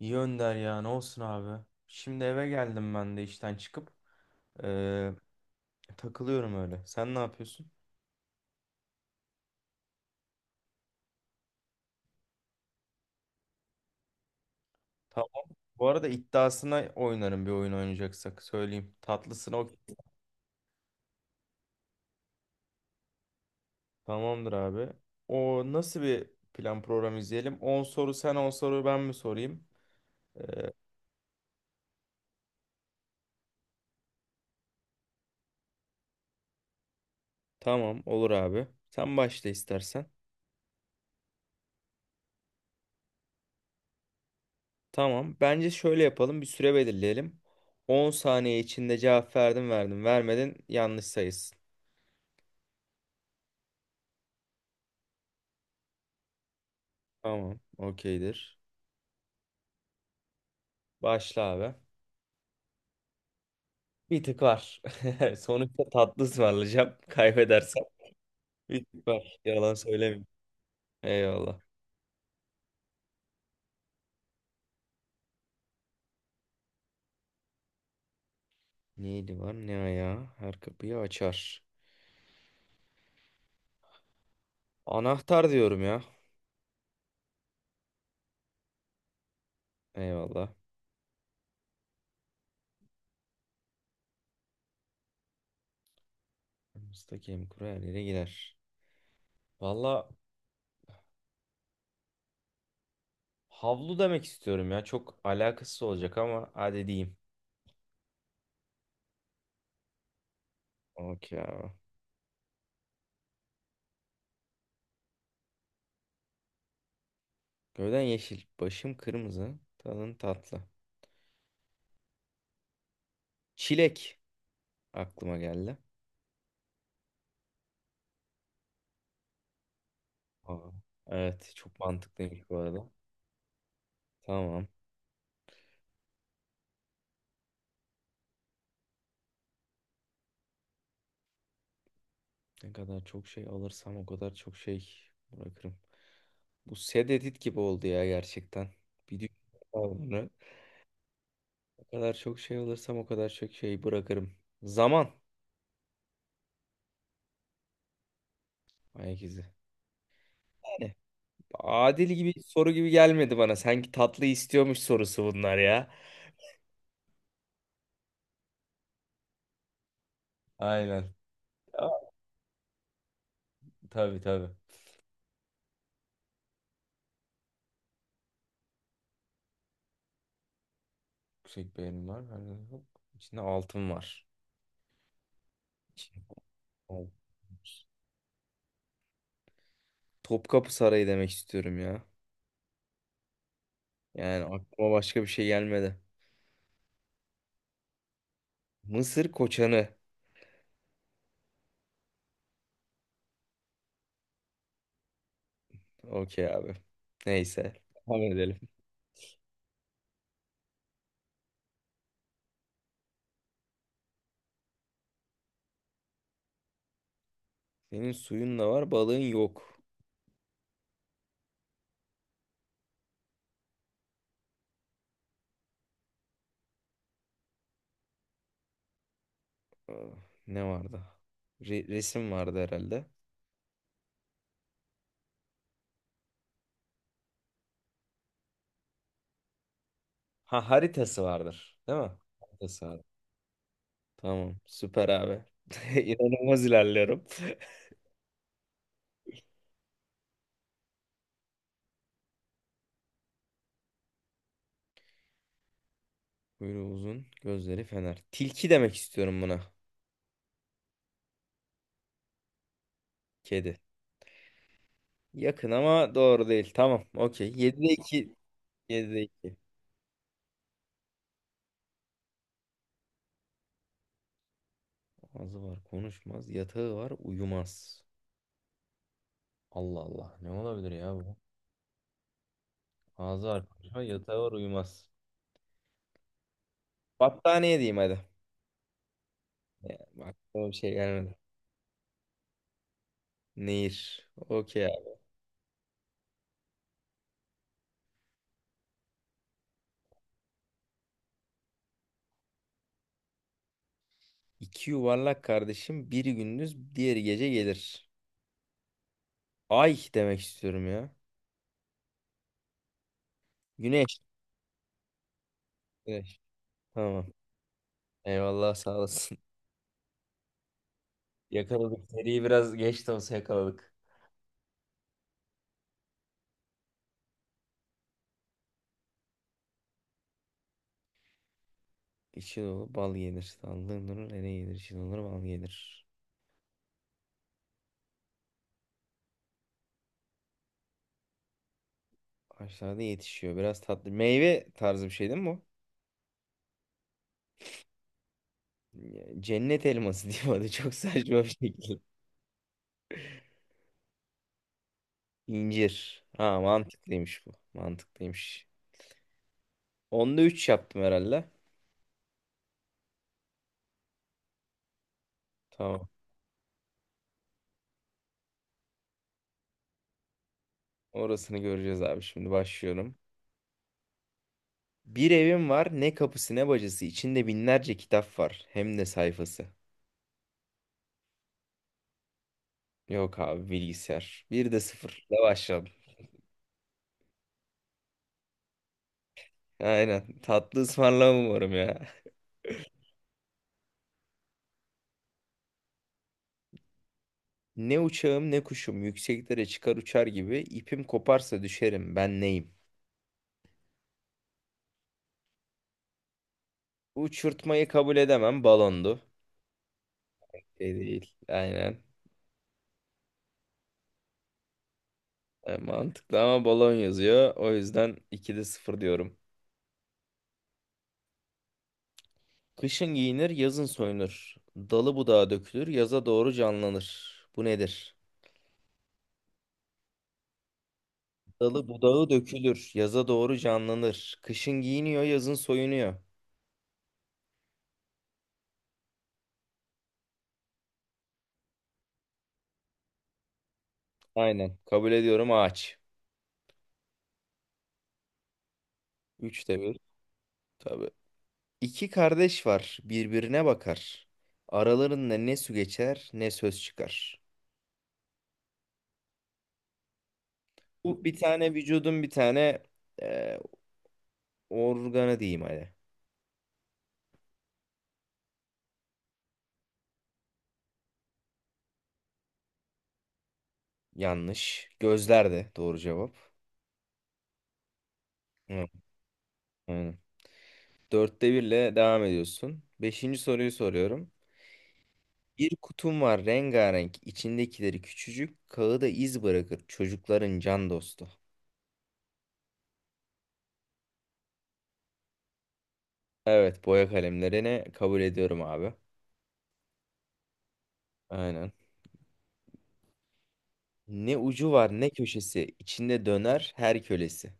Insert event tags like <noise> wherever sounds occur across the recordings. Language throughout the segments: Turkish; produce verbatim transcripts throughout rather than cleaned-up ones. İyi Önder ya ne olsun abi. Şimdi eve geldim ben de işten çıkıp eee, takılıyorum öyle. Sen ne yapıyorsun? Tamam. Bu arada iddiasına oynarım bir oyun oynayacaksak söyleyeyim. Tatlısına okey. Tamamdır abi. O nasıl bir plan program izleyelim? On soru sen on soru ben mi sorayım? Eee, tamam olur abi. Sen başla istersen. Tamam. Bence şöyle yapalım bir süre belirleyelim. On saniye içinde cevap verdin verdin vermedin yanlış sayısın. Tamam. Okeydir. Başla abi. Bir tık var. <laughs> Sonuçta tatlı ısmarlayacağım. <laughs> Kaybedersem. Bir tık var. Yalan söylemeyeyim. Eyvallah. Neydi var? Ne ayağı? Her kapıyı açar. Anahtar diyorum ya. Eyvallah. Aramızda kem kuru her yere girer. Valla havlu demek istiyorum ya. Çok alakasız olacak ama hadi diyeyim. Okey abi. Gövden yeşil. Başım kırmızı. Tadın tatlı. Çilek aklıma geldi. Aa, evet çok mantıklıymış bu arada. Tamam. Ne kadar çok şey alırsam o kadar çok şey bırakırım. Bu sed edit gibi oldu ya gerçekten. Bir düşünüyorum bunu. O kadar çok şey alırsam o kadar çok şey bırakırım. Zaman. Ayak izi. Yani adil gibi soru gibi gelmedi bana. Sanki tatlı istiyormuş sorusu bunlar ya. Aynen. Ama tabii tabii. Yüksek beğenim var. Hani hop, İçinde altın var. İçinde altın var. Topkapı Sarayı demek istiyorum ya. Yani aklıma başka bir şey gelmedi. Mısır koçanı. Okey abi. Neyse. Devam edelim. Senin suyun da var, balığın yok. Ah, Ne vardı? Re- resim vardı herhalde. Ha, haritası vardır, değil mi? Haritası vardı. Tamam, süper abi. <laughs> İnanılmaz ilerliyorum. <laughs> Kuyruğu uzun, gözleri fener. Tilki demek istiyorum buna. Kedi. Yakın ama doğru değil. Tamam, okey. yedide iki. yedide iki. Ağzı var, konuşmaz. Yatağı var, uyumaz. Allah Allah. Ne olabilir ya bu? Ağzı arpa yatağı var uyumaz. Battaniye diyeyim hadi. Ya, aklıma bir şey gelmedi. Nehir. Okey abi. İki yuvarlak kardeşim biri gündüz diğeri gece gelir. Ay demek istiyorum ya. Güneş. Güneş. Tamam. Eyvallah sağ olasın. <laughs> Yakaladık. Seriyi biraz geç de olsa yakaladık. İçi dolu bal gelir. Sallığın durur ene gelir. İçi dolu bal gelir. Ağaçlarda yetişiyor. Biraz tatlı. Meyve tarzı bir şey değil mi bu? Ya, cennet elması <laughs> diyeyim hadi çok saçma bir şekilde. İncir. Ha mantıklıymış bu. Mantıklıymış. Onda üç yaptım herhalde. Tamam. Orasını göreceğiz abi şimdi başlıyorum. Bir evim var ne kapısı ne bacası içinde binlerce kitap var hem de sayfası. Yok abi bilgisayar. Bir de sıfırla başladım. Aynen tatlı ısmarlamam umarım ya. Ne uçağım ne kuşum yükseklere çıkar uçar gibi ipim koparsa düşerim ben neyim? Uçurtmayı kabul edemem balondu. E değil. Aynen. E, mantıklı ama balon yazıyor. O yüzden ikide sıfır diyorum. Kışın giyinir, yazın soyunur. Dalı budağı dökülür, yaza doğru canlanır. Bu nedir? Dalı budağı dökülür, yaza doğru canlanır. Kışın giyiniyor, yazın soyunuyor. Aynen. Kabul ediyorum ağaç. üçte bir, tabii. İki kardeş var, birbirine bakar. Aralarında ne su geçer, ne söz çıkar. Bu bir tane vücudun bir tane e, organı diyeyim hadi. Yanlış. Gözler de doğru cevap. Hı, Aynen. Dörtte birle devam ediyorsun. Beşinci soruyu soruyorum. Bir kutum var rengarenk. İçindekileri küçücük. Kağıda iz bırakır. Çocukların can dostu. Evet boya kalemlerini kabul ediyorum abi. Aynen. Ne ucu var ne köşesi. İçinde döner her kölesi.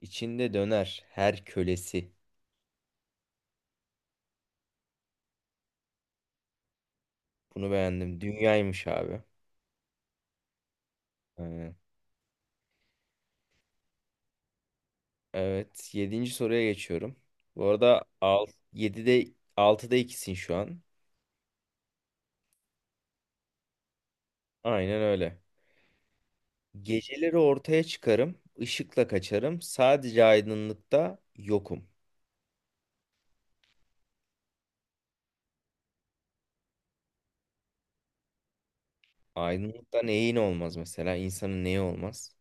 İçinde döner her kölesi. Bunu beğendim. Dünyaymış abi. Aynen. Evet. Yedinci soruya geçiyorum. Bu arada al, 7'de altıda ikisin şu an. Aynen öyle. Geceleri ortaya çıkarım, ışıkla kaçarım. Sadece aydınlıkta yokum. Aydınlıkta neyin olmaz mesela? İnsanın neyi olmaz?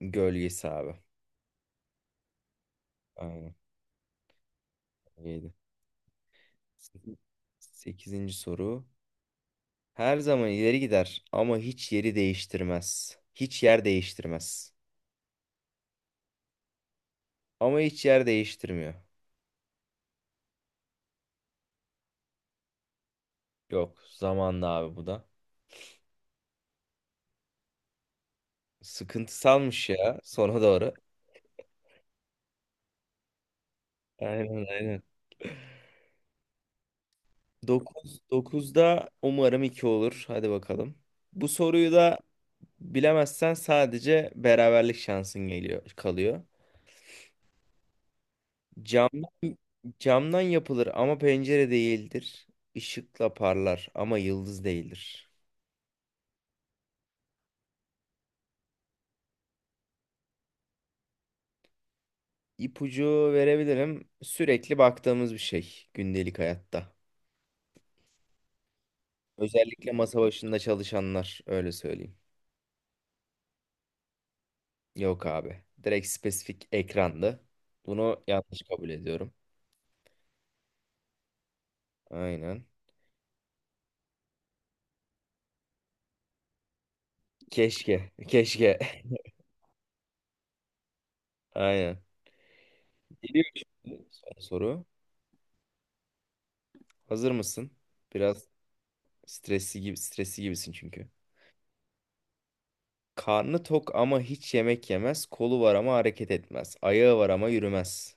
Gölgesi abi. Aynen. Yedi. Sekizinci soru. Her zaman ileri gider ama hiç yeri değiştirmez. Hiç yer değiştirmez. Ama hiç yer değiştirmiyor. Yok, zamanla abi bu da. Sıkıntısalmış ya sona doğru. Aynen aynen. dokuz dokuzda umarım iki olur. Hadi bakalım. Bu soruyu da bilemezsen sadece beraberlik şansın geliyor kalıyor. Camdan camdan yapılır ama pencere değildir. Işıkla parlar ama yıldız değildir. İpucu verebilirim. Sürekli baktığımız bir şey gündelik hayatta. Özellikle masa başında çalışanlar öyle söyleyeyim. Yok abi. Direkt spesifik ekrandı. Bunu yanlış kabul ediyorum. Aynen. Keşke. Keşke. <laughs> Aynen. Geliyor şimdi son soru. Hazır mısın? Biraz stresli gibi stresli gibisin çünkü. Karnı tok ama hiç yemek yemez. Kolu var ama hareket etmez. Ayağı var ama yürümez.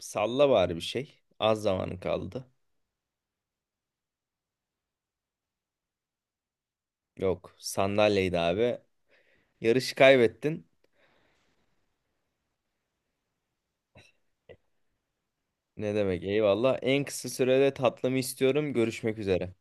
Salla bari bir şey. Az zamanın kaldı. Yok. Sandalyeydi abi. Yarışı kaybettin. Ne demek? Eyvallah. En kısa sürede tatlımı istiyorum. Görüşmek üzere.